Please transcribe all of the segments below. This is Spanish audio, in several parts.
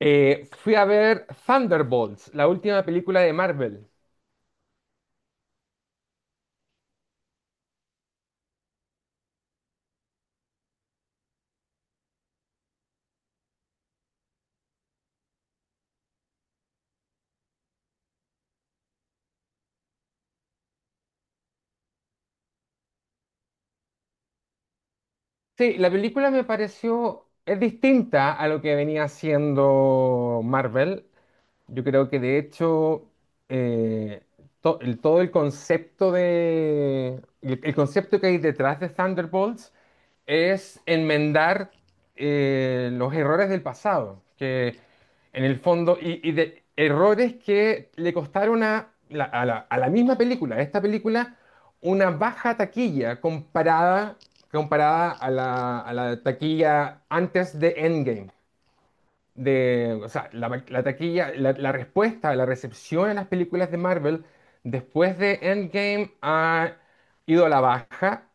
Fui a ver Thunderbolts, la última película de Marvel. Sí, la película me pareció, es distinta a lo que venía haciendo Marvel. Yo creo que de hecho eh, todo el concepto de el concepto que hay detrás de Thunderbolts es enmendar los errores del pasado, que en el fondo y de errores que le costaron a la misma película, a esta película, una baja taquilla comparada a la taquilla antes de Endgame. O sea, la taquilla, la respuesta, la recepción a las películas de Marvel después de Endgame ha ido a la baja,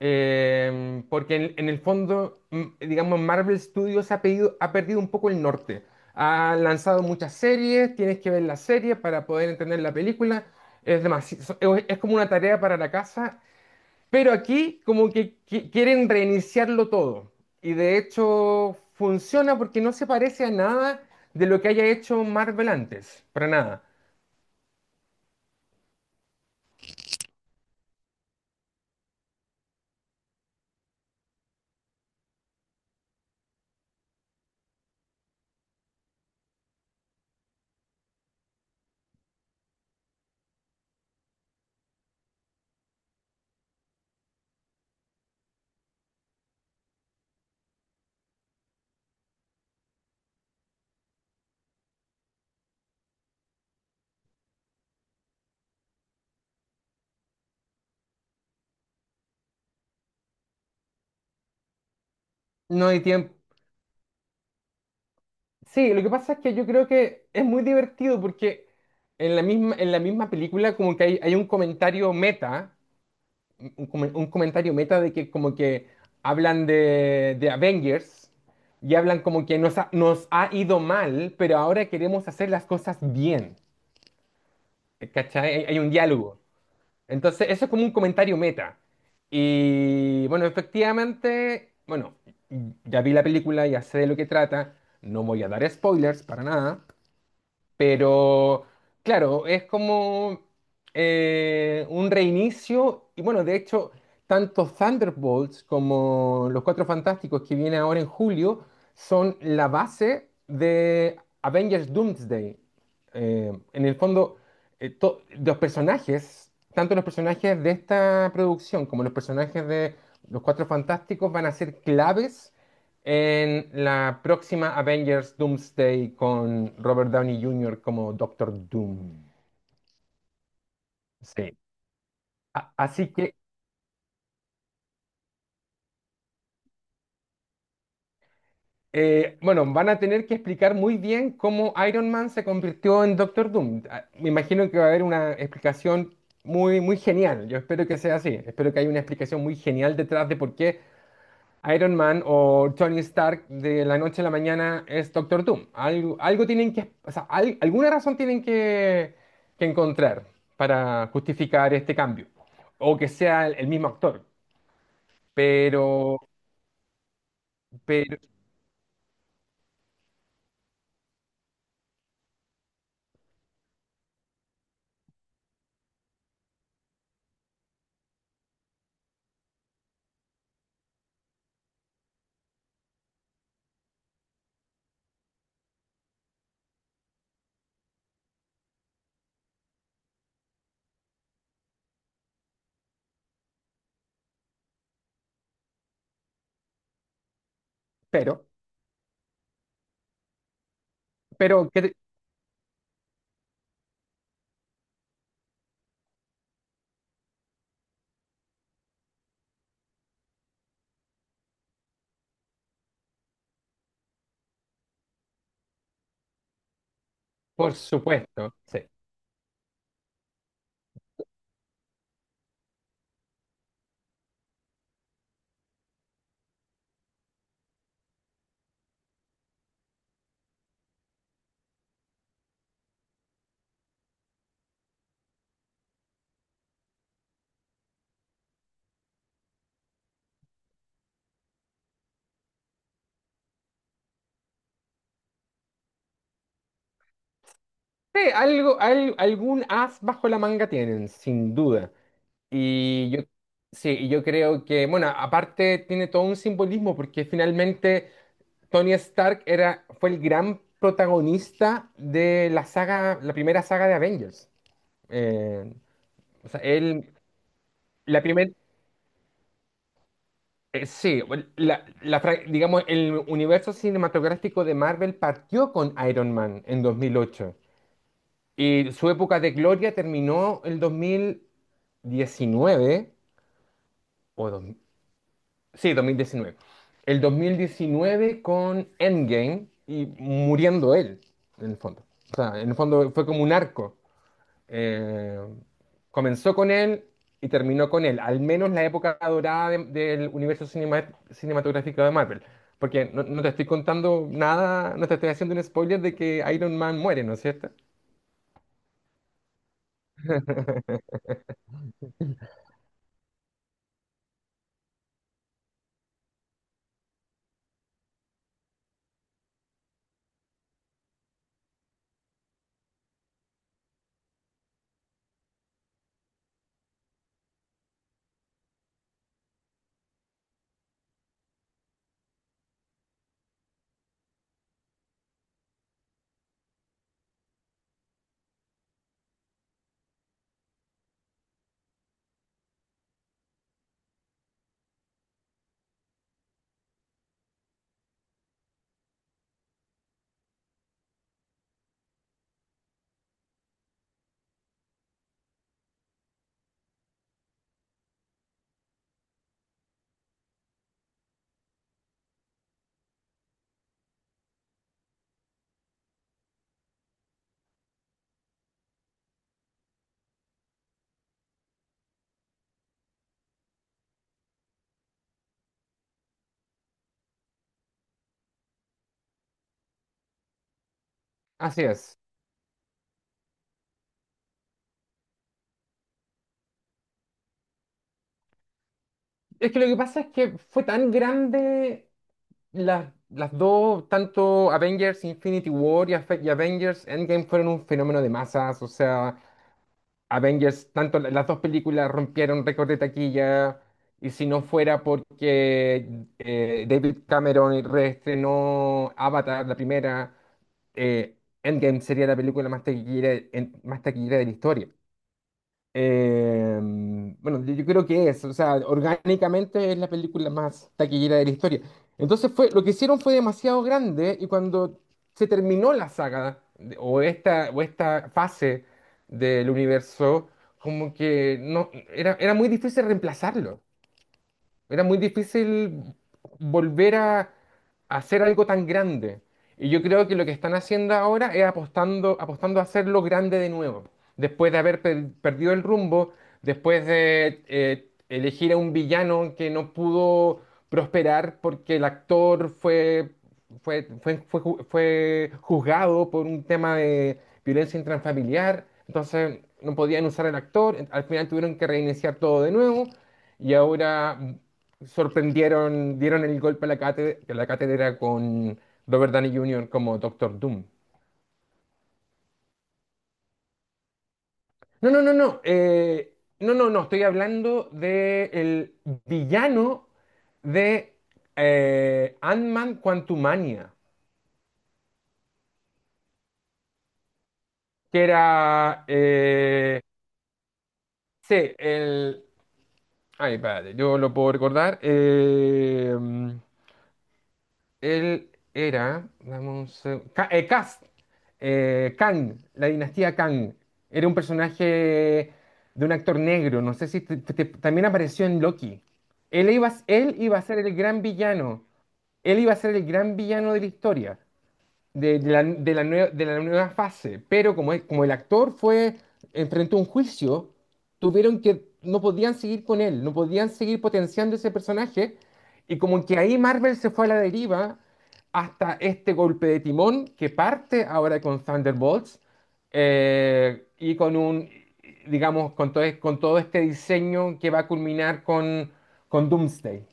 porque en el fondo, digamos, Marvel Studios ha perdido un poco el norte. Ha lanzado muchas series, tienes que ver la serie para poder entender la película. Es demasi- so- Es como una tarea para la casa, pero aquí como que quieren reiniciarlo todo. Y de hecho funciona porque no se parece a nada de lo que haya hecho Marvel antes. Para nada. No hay tiempo. Sí, lo que pasa es que yo creo que es muy divertido porque en la misma película como que hay un comentario meta, un comentario meta de que como que hablan de Avengers y hablan como que nos ha ido mal, pero ahora queremos hacer las cosas bien. ¿Cachai? Hay un diálogo. Entonces, eso es como un comentario meta. Y bueno, efectivamente, bueno, ya vi la película, ya sé de lo que trata, no voy a dar spoilers para nada, pero claro, es como un reinicio. Y bueno, de hecho, tanto Thunderbolts como Los Cuatro Fantásticos que viene ahora en julio son la base de Avengers Doomsday. En el fondo, los personajes, tanto los personajes de esta producción como los personajes de Los Cuatro Fantásticos van a ser claves en la próxima Avengers Doomsday con Robert Downey Jr. como Doctor Doom. Sí. Así que, bueno, van a tener que explicar muy bien cómo Iron Man se convirtió en Doctor Doom. Ah, me imagino que va a haber una explicación muy, muy genial. Yo espero que sea así. Espero que haya una explicación muy genial detrás de por qué Iron Man o Tony Stark de la noche a la mañana es Doctor Doom. Algo, algo tienen que, o sea, alguna razón tienen que encontrar para justificar este cambio. O que sea el mismo actor. Pero, pero, pero, pero, que- por supuesto, sí. Sí, algo, algún as bajo la manga tienen, sin duda. Y yo, sí, y yo creo que, bueno, aparte tiene todo un simbolismo porque finalmente Tony Stark era, fue el gran protagonista de la saga, la primera saga de Avengers. Eh, o sea, él, la primera, sí, digamos, el universo cinematográfico de Marvel partió con Iron Man en 2008 y su época de gloria terminó el dos mil diecinueve o dos- sí, dos mil diecinueve. El 2019 con Endgame y muriendo él, en el fondo. O sea, en el fondo fue como un arco. Eh, Comenzó con él y terminó con él, al menos la época dorada del universo cinematográfico de Marvel. Porque no, no te estoy contando nada, no te estoy haciendo un spoiler de que Iron Man muere, ¿no es cierto? Así es. Es que lo que pasa es que fue tan grande las dos, tanto Avengers Infinity War y Avengers Endgame fueron un fenómeno de masas, o sea, Avengers, tanto las dos películas rompieron récord de taquilla, y si no fuera porque David Cameron reestrenó Avatar, la primera, eh, Endgame sería la película más taquillera, más taquillera de la historia. Eh, bueno, yo creo que es, o sea, orgánicamente es la película más taquillera de la historia. Entonces fue, lo que hicieron fue demasiado grande y cuando se terminó la saga o esta fase del universo, como que no, era, era muy difícil reemplazarlo. Era muy difícil volver a hacer algo tan grande. Y yo creo que lo que están haciendo ahora es apostando, apostando a hacerlo grande de nuevo. Después de haber perdido el rumbo, después de elegir a un villano que no pudo prosperar porque el actor fue juzgado por un tema de violencia intrafamiliar. Entonces no podían usar al actor. Al final tuvieron que reiniciar todo de nuevo. Y ahora sorprendieron, dieron el golpe a la cátedra con Robert Downey Jr. como Doctor Doom. No, no, no, no. No, no, no. Estoy hablando de el villano de Ant-Man Quantumania, que era. Sí, el. Ay, espérate, yo lo puedo recordar. Él era, dame un seg- Ka- Kast, Kang, la dinastía Kang. Era un personaje de un actor negro, no sé si también apareció en Loki. Él iba a ser el gran villano, él iba a ser el gran villano de la historia de la nueva fase, pero como, como el actor fue, enfrentó un juicio, tuvieron que, no podían seguir con él, no podían seguir potenciando ese personaje, y como que ahí Marvel se fue a la deriva hasta este golpe de timón que parte ahora con Thunderbolts, y con un, digamos, con todo este diseño que va a culminar con Doomsday.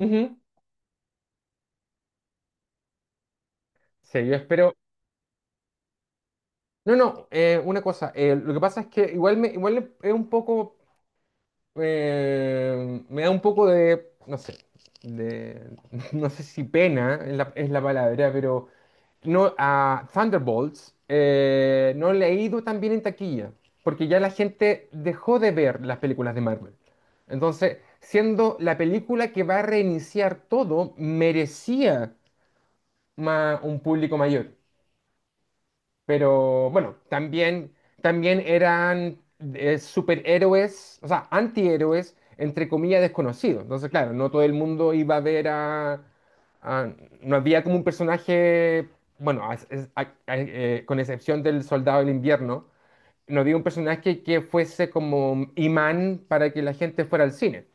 Ujú. Sí, yo espero. No, no, una cosa, lo que pasa es que igual me, igual es un poco, me da un poco de, no sé, de, no sé si pena es es la palabra, pero no, a Thunderbolts no le ha ido tan bien en taquilla, porque ya la gente dejó de ver las películas de Marvel. Entonces, siendo la película que va a reiniciar todo, merecía un público mayor. Pero bueno, también, también eran superhéroes, o sea, antihéroes, entre comillas, desconocidos. Entonces, claro, no todo el mundo iba a ver a... a- no había como un personaje, bueno, con excepción del Soldado del Invierno, no había un personaje que fuese como imán para que la gente fuera al cine,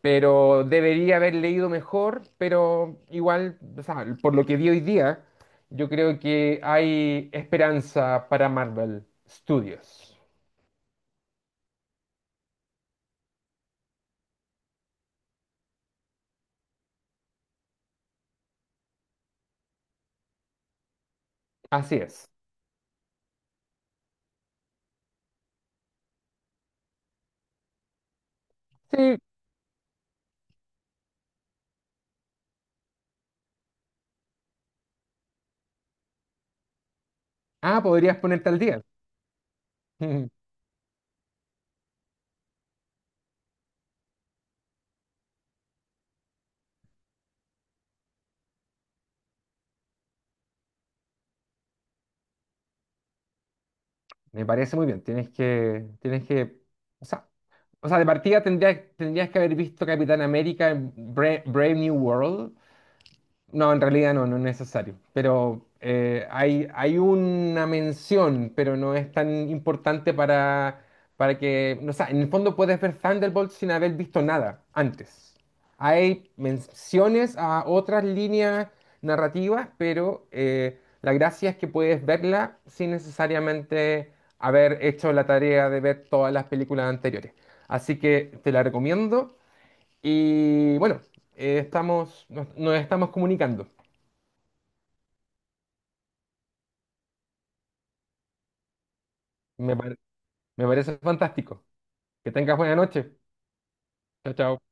pero debería haber leído mejor, pero igual, o sea, por lo que vi hoy día, yo creo que hay esperanza para Marvel Studios. Así es. Sí. Ah, podrías ponerte al día. Mm, me parece muy bien. Tienes que, o sea, o sea, de partida tendrías, tendrías que haber visto Capitán América en Brave New World. No, en realidad no, no es necesario. Pero hay, hay una mención, pero no es tan importante para que. No, o sea, en el fondo puedes ver Thunderbolt sin haber visto nada antes. Hay menciones a otras líneas narrativas, pero la gracia es que puedes verla sin necesariamente haber hecho la tarea de ver todas las películas anteriores. Así que te la recomiendo. Y bueno, estamos, nos estamos comunicando. Me, pare- Me parece fantástico. Que tengas buena noche. Chao, chao.